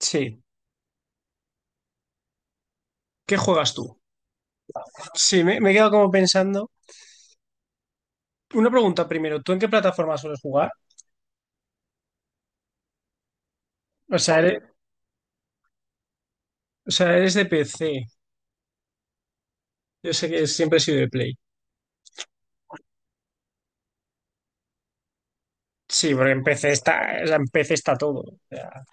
Sí. ¿Qué juegas tú? Sí, me he quedado como pensando. Una pregunta primero, ¿tú en qué plataforma sueles jugar? O sea, eres, o sea, eres de PC. Yo sé que siempre he sido de Play. Sí, porque en PC está, o sea, en PC está todo. O sea,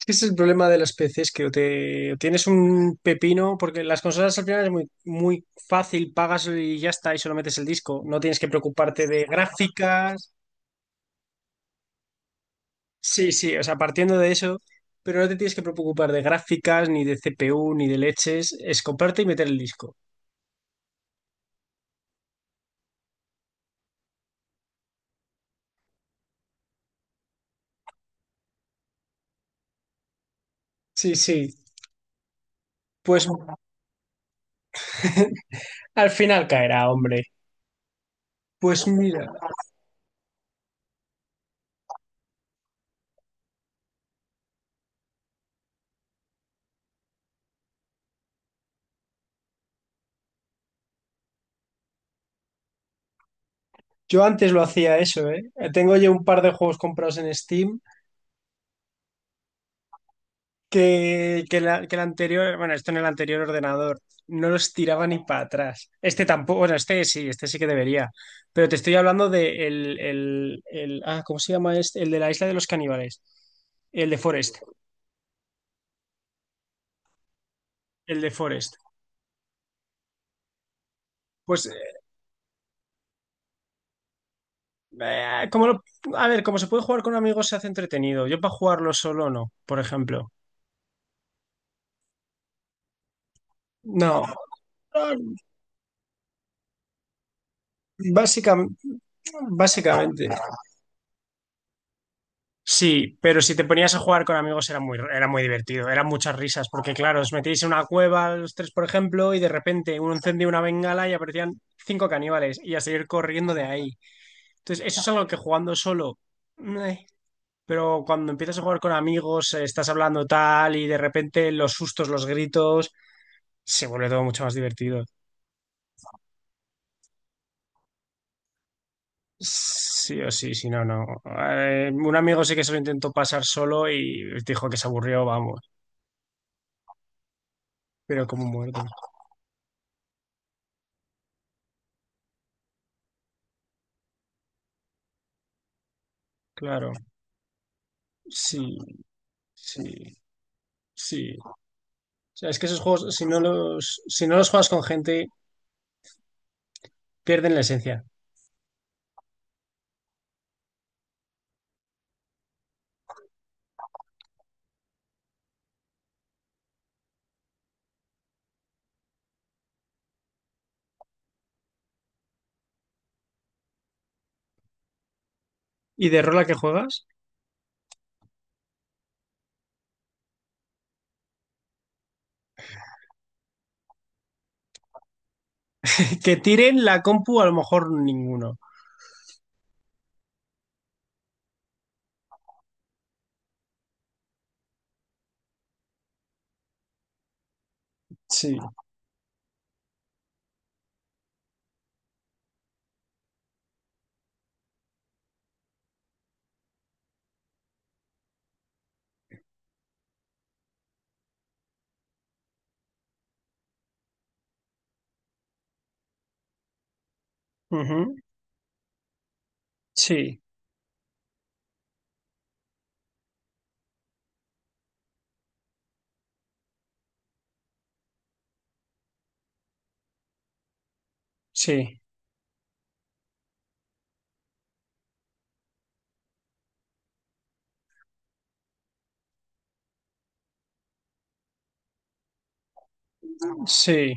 es que ese es el problema de las PCs, que o te o tienes un pepino, porque las consolas al final es muy, muy fácil, pagas y ya está, y solo metes el disco. No tienes que preocuparte de gráficas. Sí, sí, o sea, partiendo de eso, pero no te tienes que preocupar de gráficas, ni de CPU, ni de leches, es comprarte y meter el disco. Sí, sí, pues al final caerá, hombre. Pues mira, yo antes lo hacía eso, ¿eh? Tengo ya un par de juegos comprados en Steam que el anterior, bueno, esto en el anterior ordenador, no los tiraba ni para atrás. Este tampoco, bueno, este sí que debería, pero te estoy hablando de ¿cómo se llama este? El de la isla de los caníbales, el de Forest. El de Forest. Pues, eh, como lo- a ver, como se puede jugar con amigos, se hace entretenido. Yo para jugarlo solo no, por ejemplo. No, básicamente, básicamente. Sí, pero si te ponías a jugar con amigos era muy divertido, eran muchas risas, porque claro, os metíais en una cueva los tres, por ejemplo, y de repente uno encendía una bengala y aparecían cinco caníbales y a seguir corriendo de ahí. Entonces, eso es algo que jugando solo, meh. Pero cuando empiezas a jugar con amigos, estás hablando tal y de repente los sustos, los gritos, se vuelve todo mucho más divertido. Sí o sí, si no, no. Un amigo sí que se lo intentó pasar solo y dijo que se aburrió, vamos, pero como muerto. Claro, sí, sí, sí. O sea, es que esos juegos, si no los juegas con gente, pierden la esencia. ¿Y de rol a qué juegas? Que tiren la compu, a lo mejor ninguno. Sí. Ujú. Sí, sí, sí,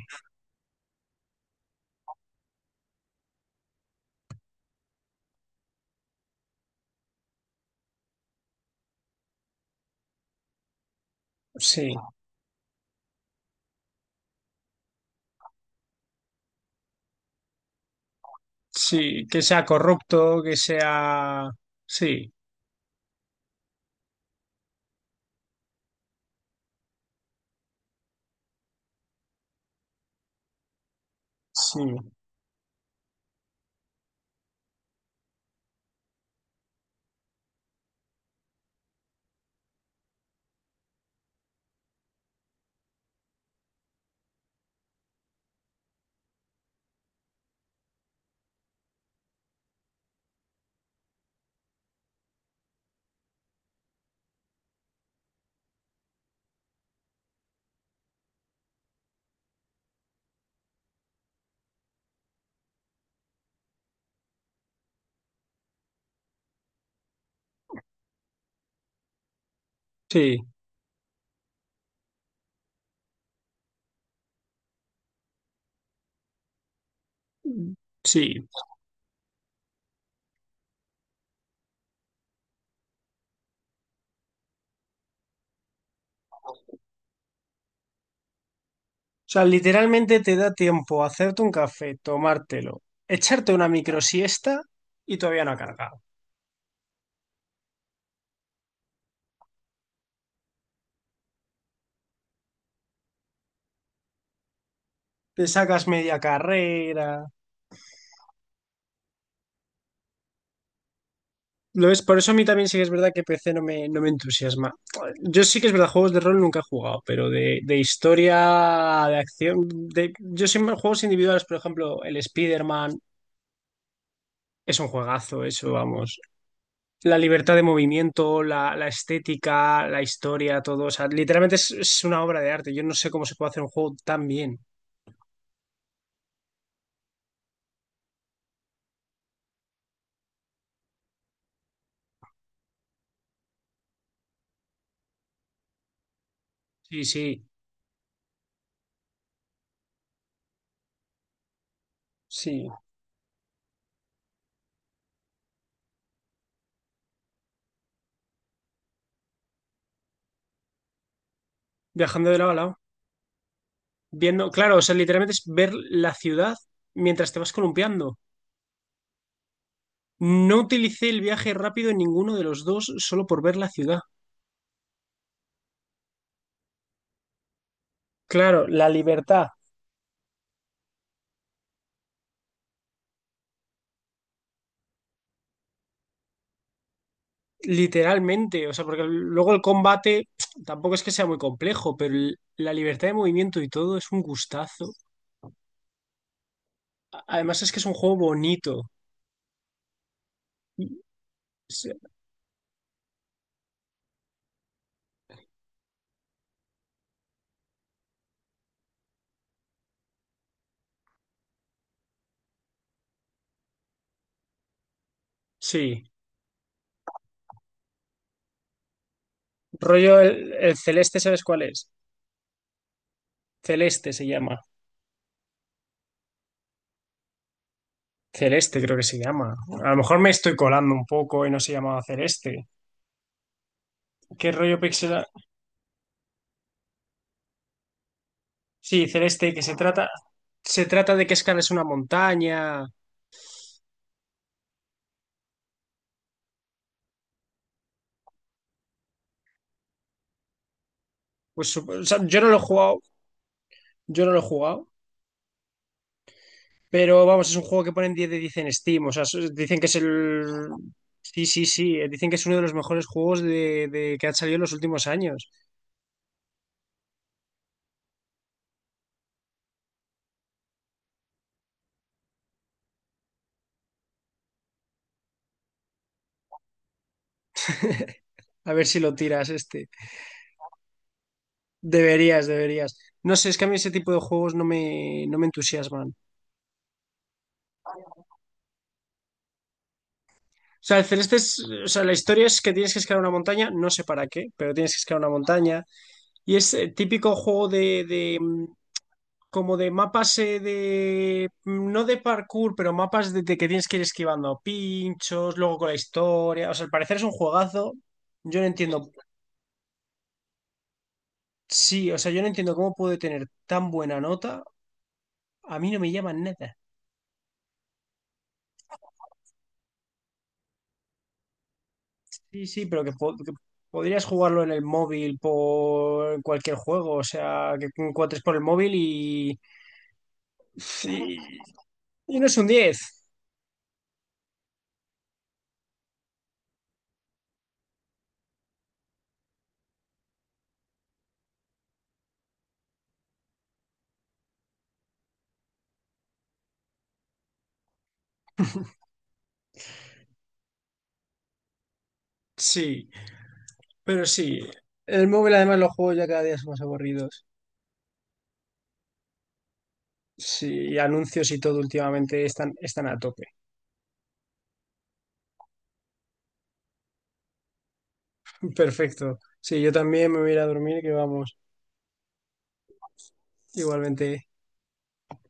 sí. Sí, que sea corrupto, que sea... Sí, sí, sí, sí. O sea, literalmente te da tiempo a hacerte un café, tomártelo, echarte una microsiesta y todavía no ha cargado. Te sacas media carrera. Lo es, por eso a mí también sí que es verdad que PC no me entusiasma. Yo sí que es verdad, juegos de rol nunca he jugado, pero de historia, de acción, de, yo siempre juegos individuales, por ejemplo, el Spider-Man es un juegazo, eso, vamos. La libertad de movimiento, la estética, la historia, todo. O sea, literalmente es una obra de arte. Yo no sé cómo se puede hacer un juego tan bien. Sí, sí, sí. Viajando de lado a lado. Viendo, claro, o sea, literalmente es ver la ciudad mientras te vas columpiando. No utilicé el viaje rápido en ninguno de los dos solo por ver la ciudad. Claro, la libertad, literalmente. O sea, porque luego el combate tampoco es que sea muy complejo, pero la libertad de movimiento y todo es un gustazo. Además es que es un juego bonito. Sí, sí. Rollo el Celeste, ¿sabes cuál es? Celeste se llama. Celeste creo que se llama. A lo mejor me estoy colando un poco y no se llamaba Celeste. ¿Qué rollo pixel? Sí, celeste, que se trata de que escalas una montaña. Pues, o sea, yo no lo he jugado, pero vamos, es un juego que ponen 10 de 10 en Steam. O sea, dicen que es el... Sí, sí, sí, dicen que es uno de los mejores juegos de que han salido en los últimos años. A ver si lo tiras este. Deberías, deberías. No sé, es que a mí ese tipo de juegos no me entusiasman. O sea, el Celeste es, o sea, la historia es que tienes que escalar una montaña, no sé para qué, pero tienes que escalar una montaña. Y es el típico juego como de mapas no de parkour, pero mapas de que tienes que ir esquivando pinchos, luego con la historia. O sea, al parecer es un juegazo. Yo no entiendo, sí, o sea, yo no entiendo cómo puede tener tan buena nota. A mí no me llama nada. Sí, sí, pero que, que podrías jugarlo en el móvil por cualquier juego, o sea, que encuentres por el móvil y, y no es un 10. Sí, pero sí. El móvil además los juegos ya cada día son más aburridos. Sí, y anuncios y todo últimamente están a tope. Perfecto. Sí, yo también me voy a ir a dormir, que vamos, igualmente.